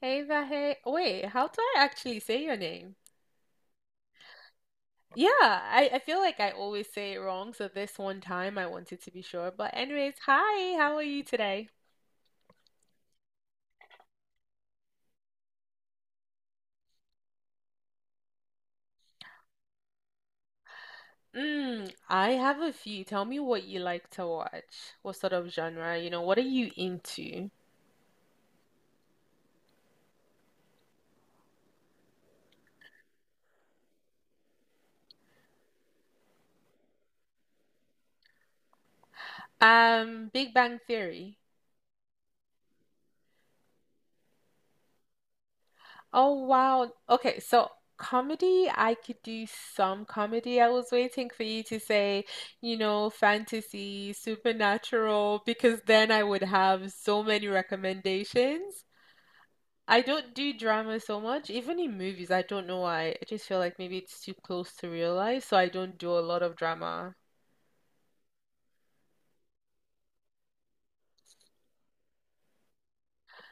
Hey, Vahe. Wait, how do I actually say your name? Yeah, I feel like I always say it wrong, so this one time I wanted to be sure. But anyways, hi, how are you today? Mm, I have a few. Tell me what you like to watch. What sort of genre? What are you into? Big Bang Theory. Oh wow. Okay, so comedy, I could do some comedy. I was waiting for you to say, fantasy, supernatural, because then I would have so many recommendations. I don't do drama so much, even in movies. I don't know why. I just feel like maybe it's too close to real life, so I don't do a lot of drama.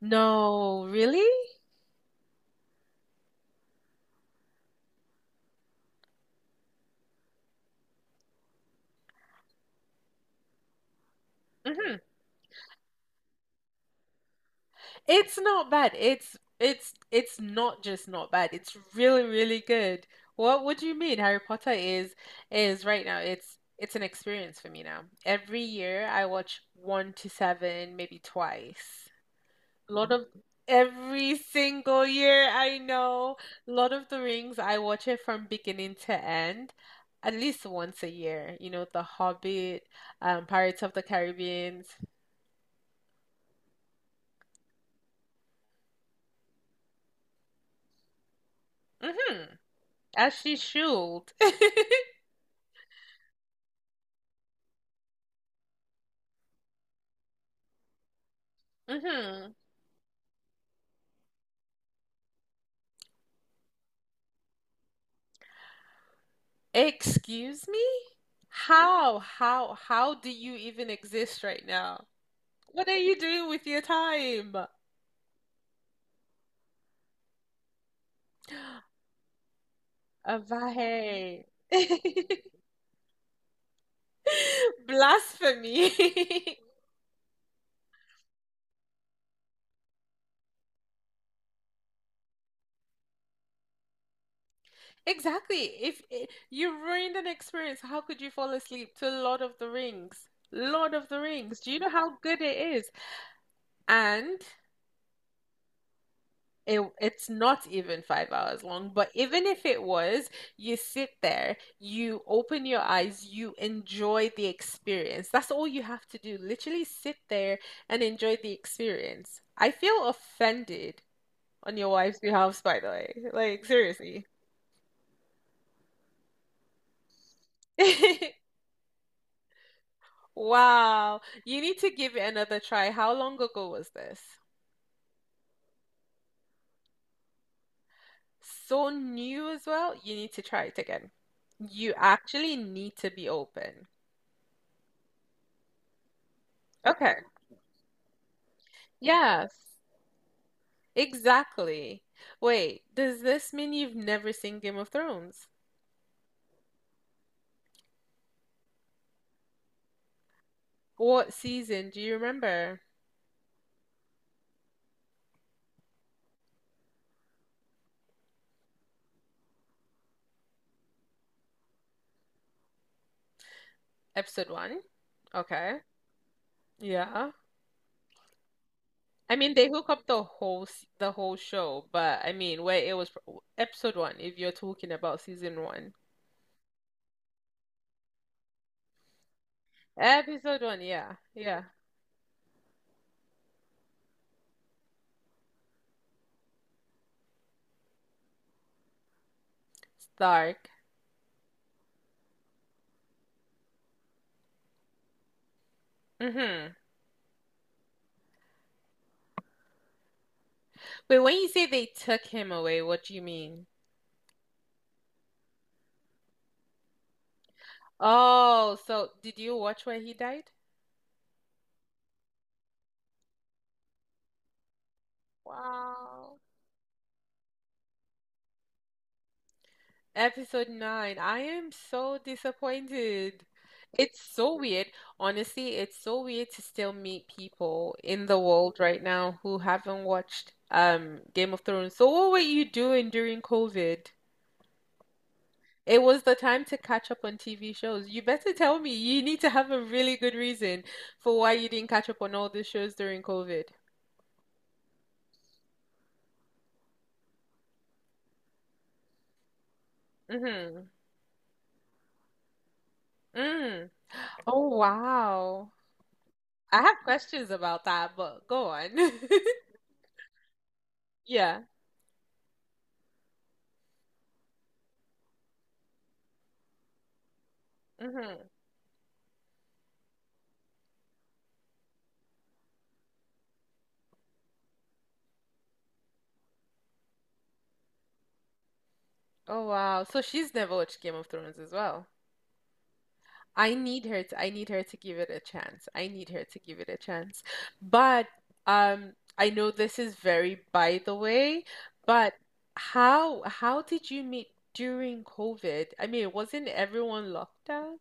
No, really? Mhm. It's not bad. It's not just not bad. It's really, really good. What do you mean? Harry Potter is right now. It's an experience for me now. Every year I watch one to seven, maybe twice. Lord of every single year, I know. Lord of the Rings, I watch it from beginning to end. At least once a year, The Hobbit, Pirates of the Caribbean. Mm-hmm. As she should. Mm-hmm. Excuse me? How do you even exist right now? What are you doing with your time? Avahe. Blasphemy. Exactly. If I- you ruined an experience, how could you fall asleep to Lord of the Rings? Lord of the Rings. Do you know how good it is? And it's not even 5 hours long, but even if it was, you sit there, you open your eyes, you enjoy the experience. That's all you have to do. Literally sit there and enjoy the experience. I feel offended on your wife's behalf, by the way. Like, seriously. Wow. You need to give it another try. How long ago was this? So new as well. You need to try it again. You actually need to be open. Okay. Yes. Exactly. Wait, does this mean you've never seen Game of Thrones? What season do you remember? Episode one? Okay. Yeah. I mean, they hook up the the whole show, but I mean, where it was episode one, if you're talking about season one. Episode one, yeah. Yeah. Stark. Mm-hmm. Wait, when you say they took him away, what do you mean? Oh, so did you watch where he died? Wow. Episode 9. I am so disappointed. It's so weird. Honestly, it's so weird to still meet people in the world right now who haven't watched Game of Thrones. So what were you doing during COVID? It was the time to catch up on TV shows. You better tell me. You need to have a really good reason for why you didn't catch up on all the shows during COVID. Hmm. Mm. Oh, wow. I have questions about that, but go on. Yeah. Mm-hmm. Oh wow. So she's never watched Game of Thrones as well. I need her to give it a chance. I need her to give it a chance. But I know this is very, by the way, but how did you meet during COVID? I mean, wasn't everyone locked down?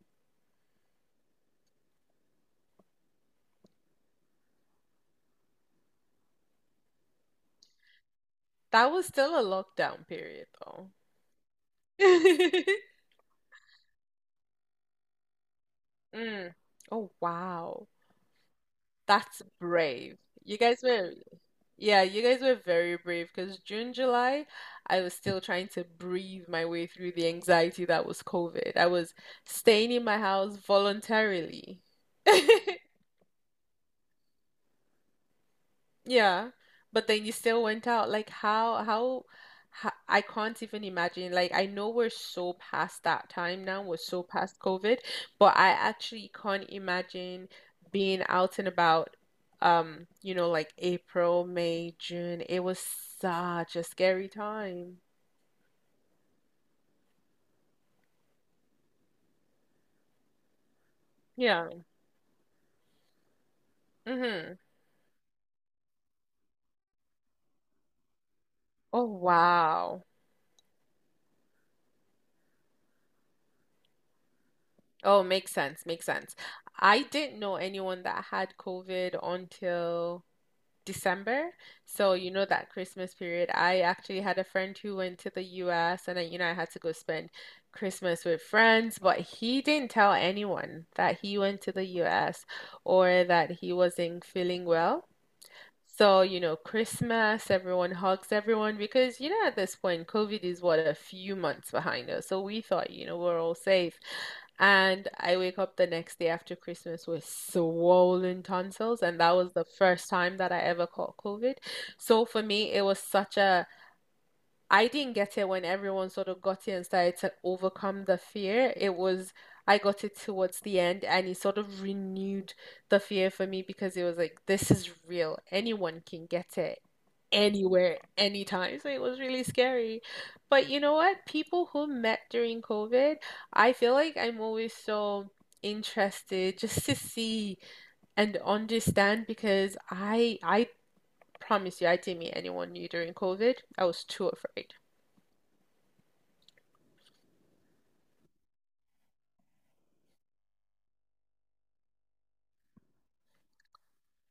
That was still a lockdown period though. Mm. Oh wow. That's brave. You guys were Yeah, you guys were very brave because June, July, I was still trying to breathe my way through the anxiety that was COVID. I was staying in my house voluntarily. Yeah, but then you still went out. Like how I can't even imagine. Like I know we're so past that time now. We're so past COVID, but I actually can't imagine being out and about. Like April, May, June. It was such a scary time. Yeah. Mm-hmm. Oh wow. Oh, makes sense. Makes sense. I didn't know anyone that had COVID until December. So, that Christmas period, I actually had a friend who went to the US and then, I had to go spend Christmas with friends, but he didn't tell anyone that he went to the US or that he wasn't feeling well. So, Christmas, everyone hugs everyone because, at this point, COVID is what a few months behind us. So we thought, we're all safe. And I wake up the next day after Christmas with swollen tonsils, and that was the first time that I ever caught COVID. So for me, it was such a I didn't get it when everyone sort of got it and started to overcome the fear. I got it towards the end and it sort of renewed the fear for me because it was like, this is real. Anyone can get it anywhere, anytime. So it was really scary. But you know what? People who met during COVID, I feel like I'm always so interested just to see and understand because I promise you I didn't meet anyone new during COVID. I was too afraid.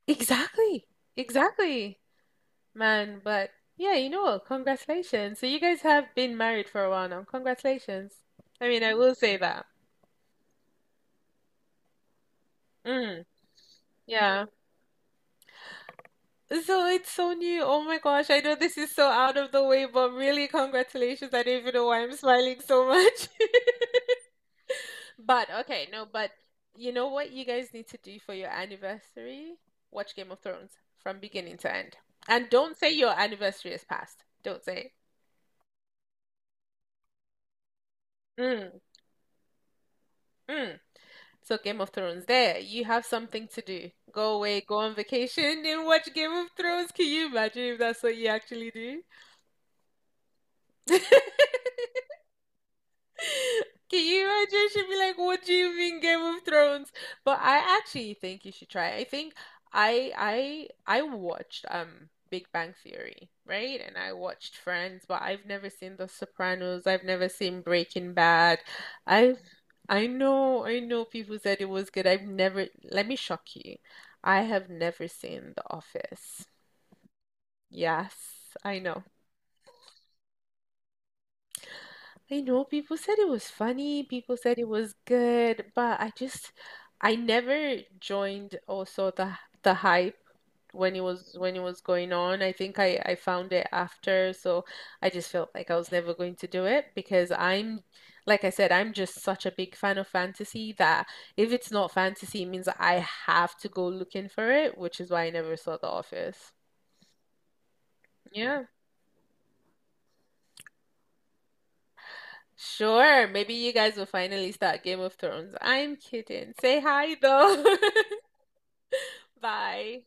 Exactly. Exactly, man. But yeah, you know what? Congratulations. So you guys have been married for a while now. Congratulations. I mean, I will say that. Mm, yeah. So it's so new. Oh my gosh, I know this is so out of the way, but really, congratulations. I don't even know why I'm smiling so much. But okay, no, but you know what you guys need to do for your anniversary? Watch Game of Thrones from beginning to end. And don't say your anniversary is past. Don't say it. Mm, mm. So Game of Thrones, there, you have something to do. Go away, go on vacation, and watch Game of Thrones. Can you imagine if that's what you actually do? Can you imagine? She'd be like, "What do you mean Game of Thrones?" But I actually think you should try it. I think I I I watched Big Bang Theory, right? And I watched Friends, but I've never seen The Sopranos. I've never seen Breaking Bad. I've I know people said it was good. I've never, let me shock you. I have never seen The Office. Yes, I know. I know people said it was funny, people said it was good, but I never joined also the hype when it was going on. I think I found it after, so I just felt like I was never going to do it because I'm like I said, I'm just such a big fan of fantasy that if it's not fantasy, it means I have to go looking for it, which is why I never saw The Office. Yeah. Sure, maybe you guys will finally start Game of Thrones. I'm kidding. Say hi though. Bye.